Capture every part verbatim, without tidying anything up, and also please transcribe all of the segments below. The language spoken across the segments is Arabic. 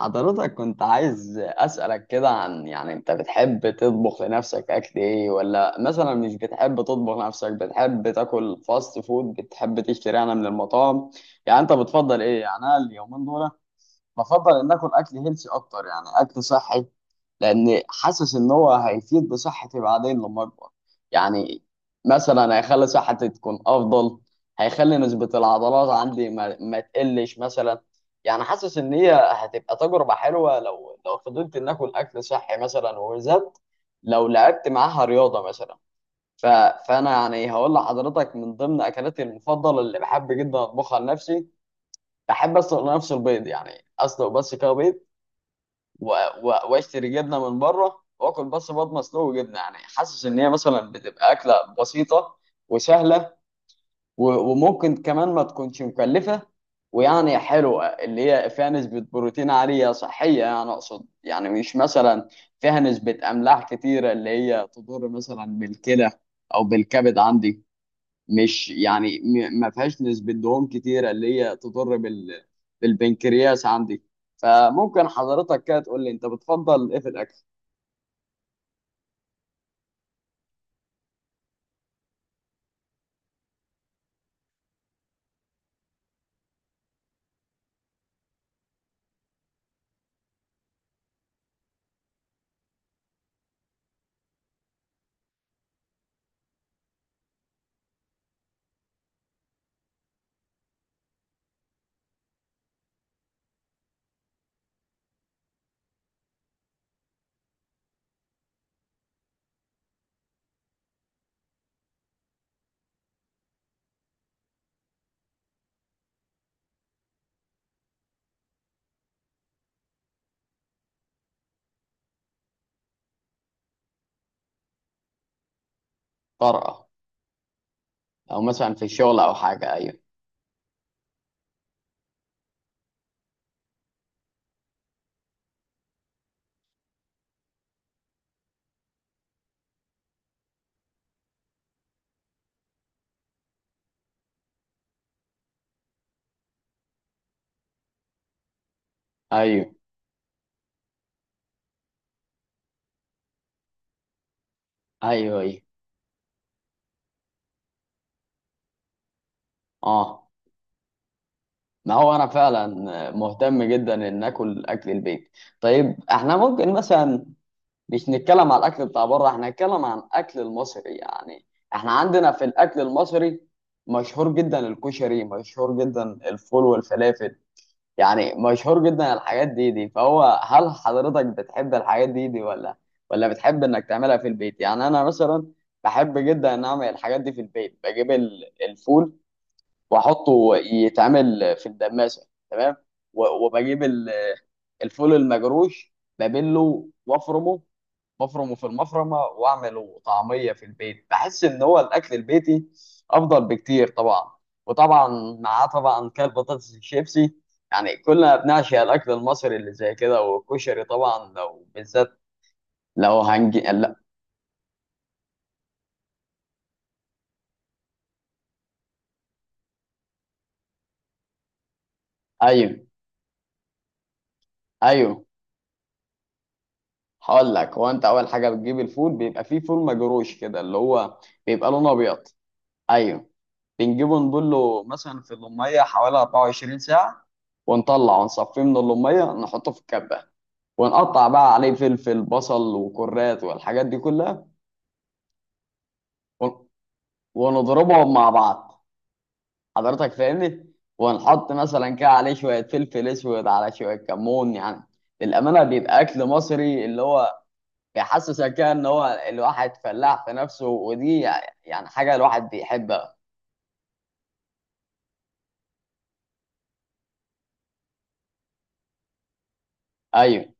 حضرتك كنت عايز أسألك كده عن، يعني، أنت بتحب تطبخ لنفسك أكل إيه، ولا مثلا مش بتحب تطبخ لنفسك، بتحب تاكل فاست فود، بتحب تشتري أنا من المطاعم؟ يعني أنت بتفضل إيه؟ يعني أنا اليومين دول بفضل ان اكل اكل هيلثي اكتر، يعني اكل صحي. لان حاسس ان هو هيفيد بصحتي بعدين لما اكبر. يعني مثلا هيخلي صحتي تكون افضل، هيخلي نسبة العضلات عندي ما, ما تقلش مثلا. يعني حاسس ان هي هتبقى تجربة حلوة لو لو فضلت ان اكل اكل صحي مثلا، وبالذات لو لعبت معاها رياضة مثلا. ف... فانا، يعني، هقول لحضرتك من ضمن اكلاتي المفضلة اللي بحب جدا اطبخها لنفسي. بحب اسلق لنفسي البيض، يعني اسلق بس كده بيض و- و- واشتري جبنه من بره، واكل بس بيض مسلوق وجبنه. يعني حاسس ان هي مثلا بتبقى اكله بسيطه وسهله و- وممكن كمان ما تكونش مكلفه. ويعني حلوه اللي هي فيها نسبه بروتين عاليه صحيه، يعني اقصد، يعني مش مثلا فيها نسبه املاح كتيره اللي هي تضر مثلا بالكلى او بالكبد عندي، مش يعني م- ما فيهاش نسبة دهون كتيرة اللي هي تضر بال بالبنكرياس عندي. فممكن حضرتك كده تقول لي، انت بتفضل ايه في الاكل؟ طرقة. او مثلا في الشغل او حاجة. ايوه. ايوه. ايوه. ايوه. اه. ما هو انا فعلا مهتم جدا ان اكل اكل البيت. طيب احنا ممكن مثلا مش نتكلم على الاكل بتاع بره، احنا نتكلم عن الاكل المصري يعني. احنا عندنا في الاكل المصري مشهور جدا الكشري، مشهور جدا الفول والفلافل، يعني مشهور جدا الحاجات دي دي. فهو، هل حضرتك بتحب الحاجات دي دي ولا ولا بتحب انك تعملها في البيت؟ يعني انا مثلا بحب جدا ان اعمل الحاجات دي في البيت، بجيب ال- الفول واحطه يتعمل في الدماسة، تمام، و- وبجيب ال- الفول المجروش، ببله وافرمه مفرمه في المفرمه، واعمله طعميه في البيت. بحس ان هو الاكل البيتي افضل بكتير طبعا. وطبعا معاه طبعا كان بطاطس الشيبسي، يعني كلنا بنعشق الاكل المصري اللي زي كده. والكشري طبعا لو بالذات لو هنجي. لا. ايوه. ايوه. هقول لك، هو انت اول حاجه بتجيب الفول بيبقى فيه فول مجروش كده اللي هو بيبقى لونه ابيض. ايوه. بنجيبه نبله مثلا في الميه حوالي أربعة وعشرين ساعه، ونطلع ونصفيه من اللميه نحطه في الكبه، ونقطع بقى عليه فلفل بصل وكرات والحاجات دي كلها، ون- ونضربهم مع بعض. حضرتك فاهمني. ونحط مثلا كده عليه شوية فلفل اسود على شوية كمون، يعني للأمانة بيبقى أكل مصري اللي هو بيحسسك كده إن هو الواحد فلاح في نفسه، ودي يعني حاجة الواحد بيحبها. أيوه.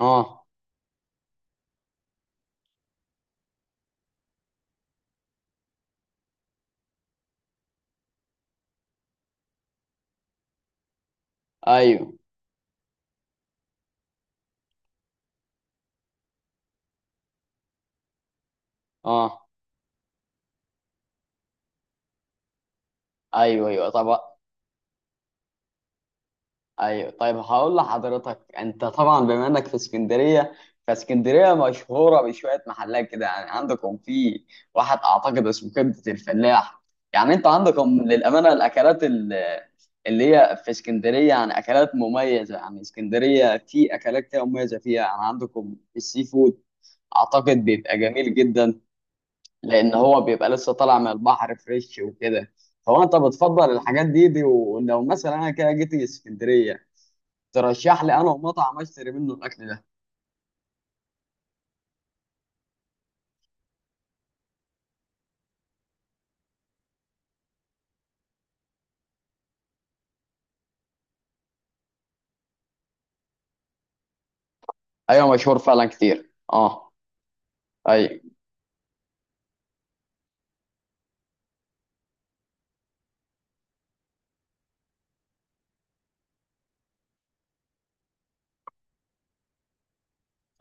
أه. أيوه. أه. أيوه. أيوه. طب ايوه. طيب هقول لحضرتك، انت طبعا بما انك في اسكندريه، فاسكندريه مشهوره بشويه محلات كده، يعني عندكم في واحد اعتقد اسمه كبده الفلاح. يعني انت عندكم للامانه الاكلات ال- اللي هي في اسكندريه يعني اكلات مميزه، يعني اسكندريه في اكلات كده مميزه فيها، يعني عندكم السي فود اعتقد بيبقى جميل جدا، لان هو بيبقى لسه طالع من البحر فريش وكده. فهو، انت بتفضل الحاجات دي دي؟ ولو مثلا انا كده جيت اسكندريه، ترشح لي انا ومطعم اشتري منه الاكل ده؟ ايوه، مشهور فعلا كتير. اه. ايوه.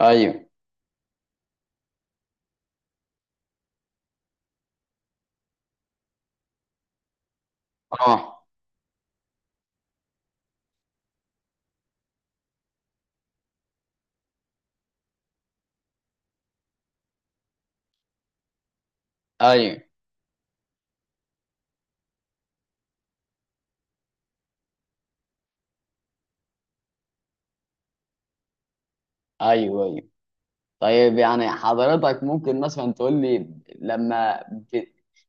ايوه. اه. ايوه. ايوه. ايوه. طيب يعني حضرتك ممكن مثلا تقول لي، لما ب...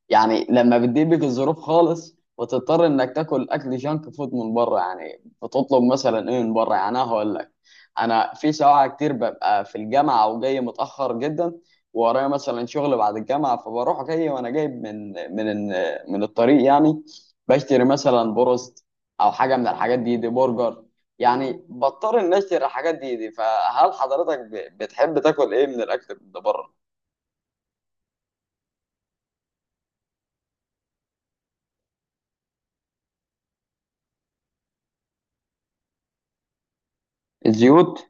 يعني لما بتضيق بيك الظروف خالص وتضطر انك تاكل اكل جانك فود من بره، يعني بتطلب مثلا ايه من بره؟ يعني انا هقول لك، انا في ساعة كتير ببقى في الجامعة او جاي متأخر جدا ورايا مثلا شغل بعد الجامعة، فبروح جاي وانا جايب من من من الطريق، يعني بشتري مثلا بروست او حاجة من الحاجات دي دي، برجر، يعني بضطر اني اشتري الحاجات دي دي. فهل حضرتك ب- بتحب تاكل ايه من الاكل اللي بره؟ الزيوت.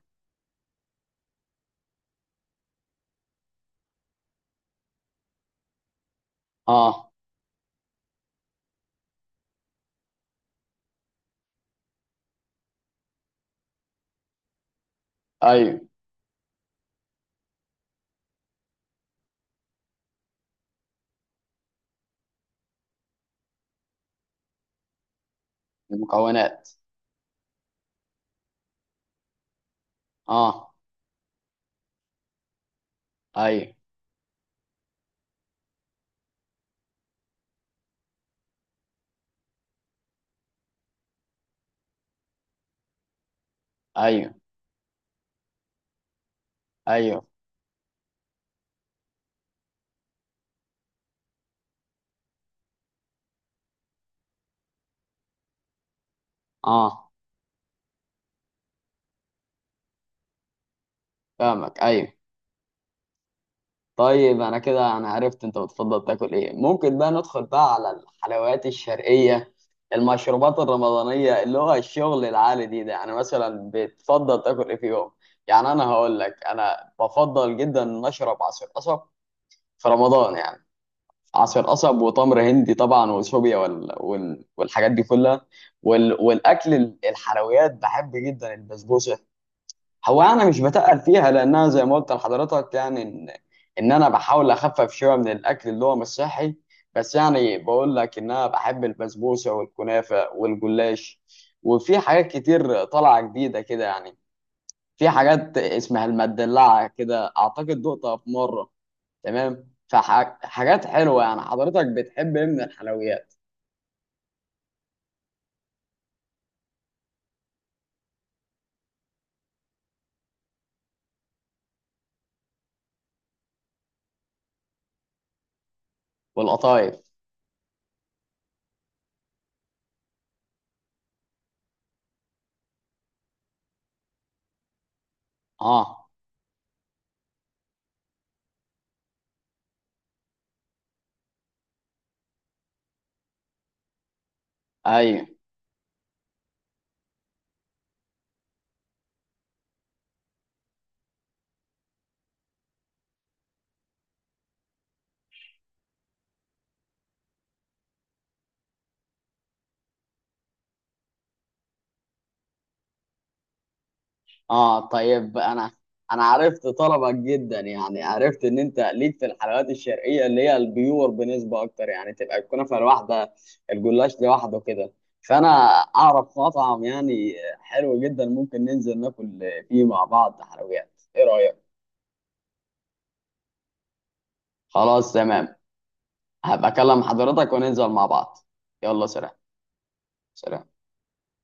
اه. ايوه. المكونات. اه. ايوه. ايوه. ايوه. اه. فاهمك. ايوه. طيب انا كده انا عرفت انت بتفضل تاكل ايه، ممكن بقى ندخل بقى على الحلويات الشرقية، المشروبات الرمضانية اللي هو الشغل العالي دي ده، يعني مثلا بتفضل تاكل ايه في يوم؟ يعني انا هقول لك، انا بفضل جدا ان اشرب عصير قصب في رمضان يعني، عسل قصب وتمر هندي طبعا وشوبيا وال... وال... والحاجات دي كلها وال... والاكل ال- الحلويات. بحب جدا البسبوسه. هو انا مش بتقل فيها لانها زي ما قلت لحضرتك، يعني ان ان انا بحاول اخفف شويه من الاكل اللي هو مش صحي. بس يعني بقول لك ان انا بحب البسبوسه والكنافه والجلاش، وفي حاجات كتير طالعه جديده كده يعني. في حاجات اسمها المدلعه كده، اعتقد دقتها في مره، تمام، فحاجات حلوه. يعني حضرتك بتحب ايه من الحلويات؟ والقطايف. اه. ايوه. اه. طيب انا انا عرفت طلبك جدا، يعني عرفت ان انت ليك في الحلويات الشرقيه اللي هي البيور بنسبه اكتر، يعني تبقى الكنافه لوحدها، الجلاش لوحده كده. فانا اعرف مطعم يعني حلو جدا ممكن ننزل ناكل فيه مع بعض حلويات، ايه رايك؟ خلاص تمام. هبقى اكلم حضرتك وننزل مع بعض. يلا سلام. سلام.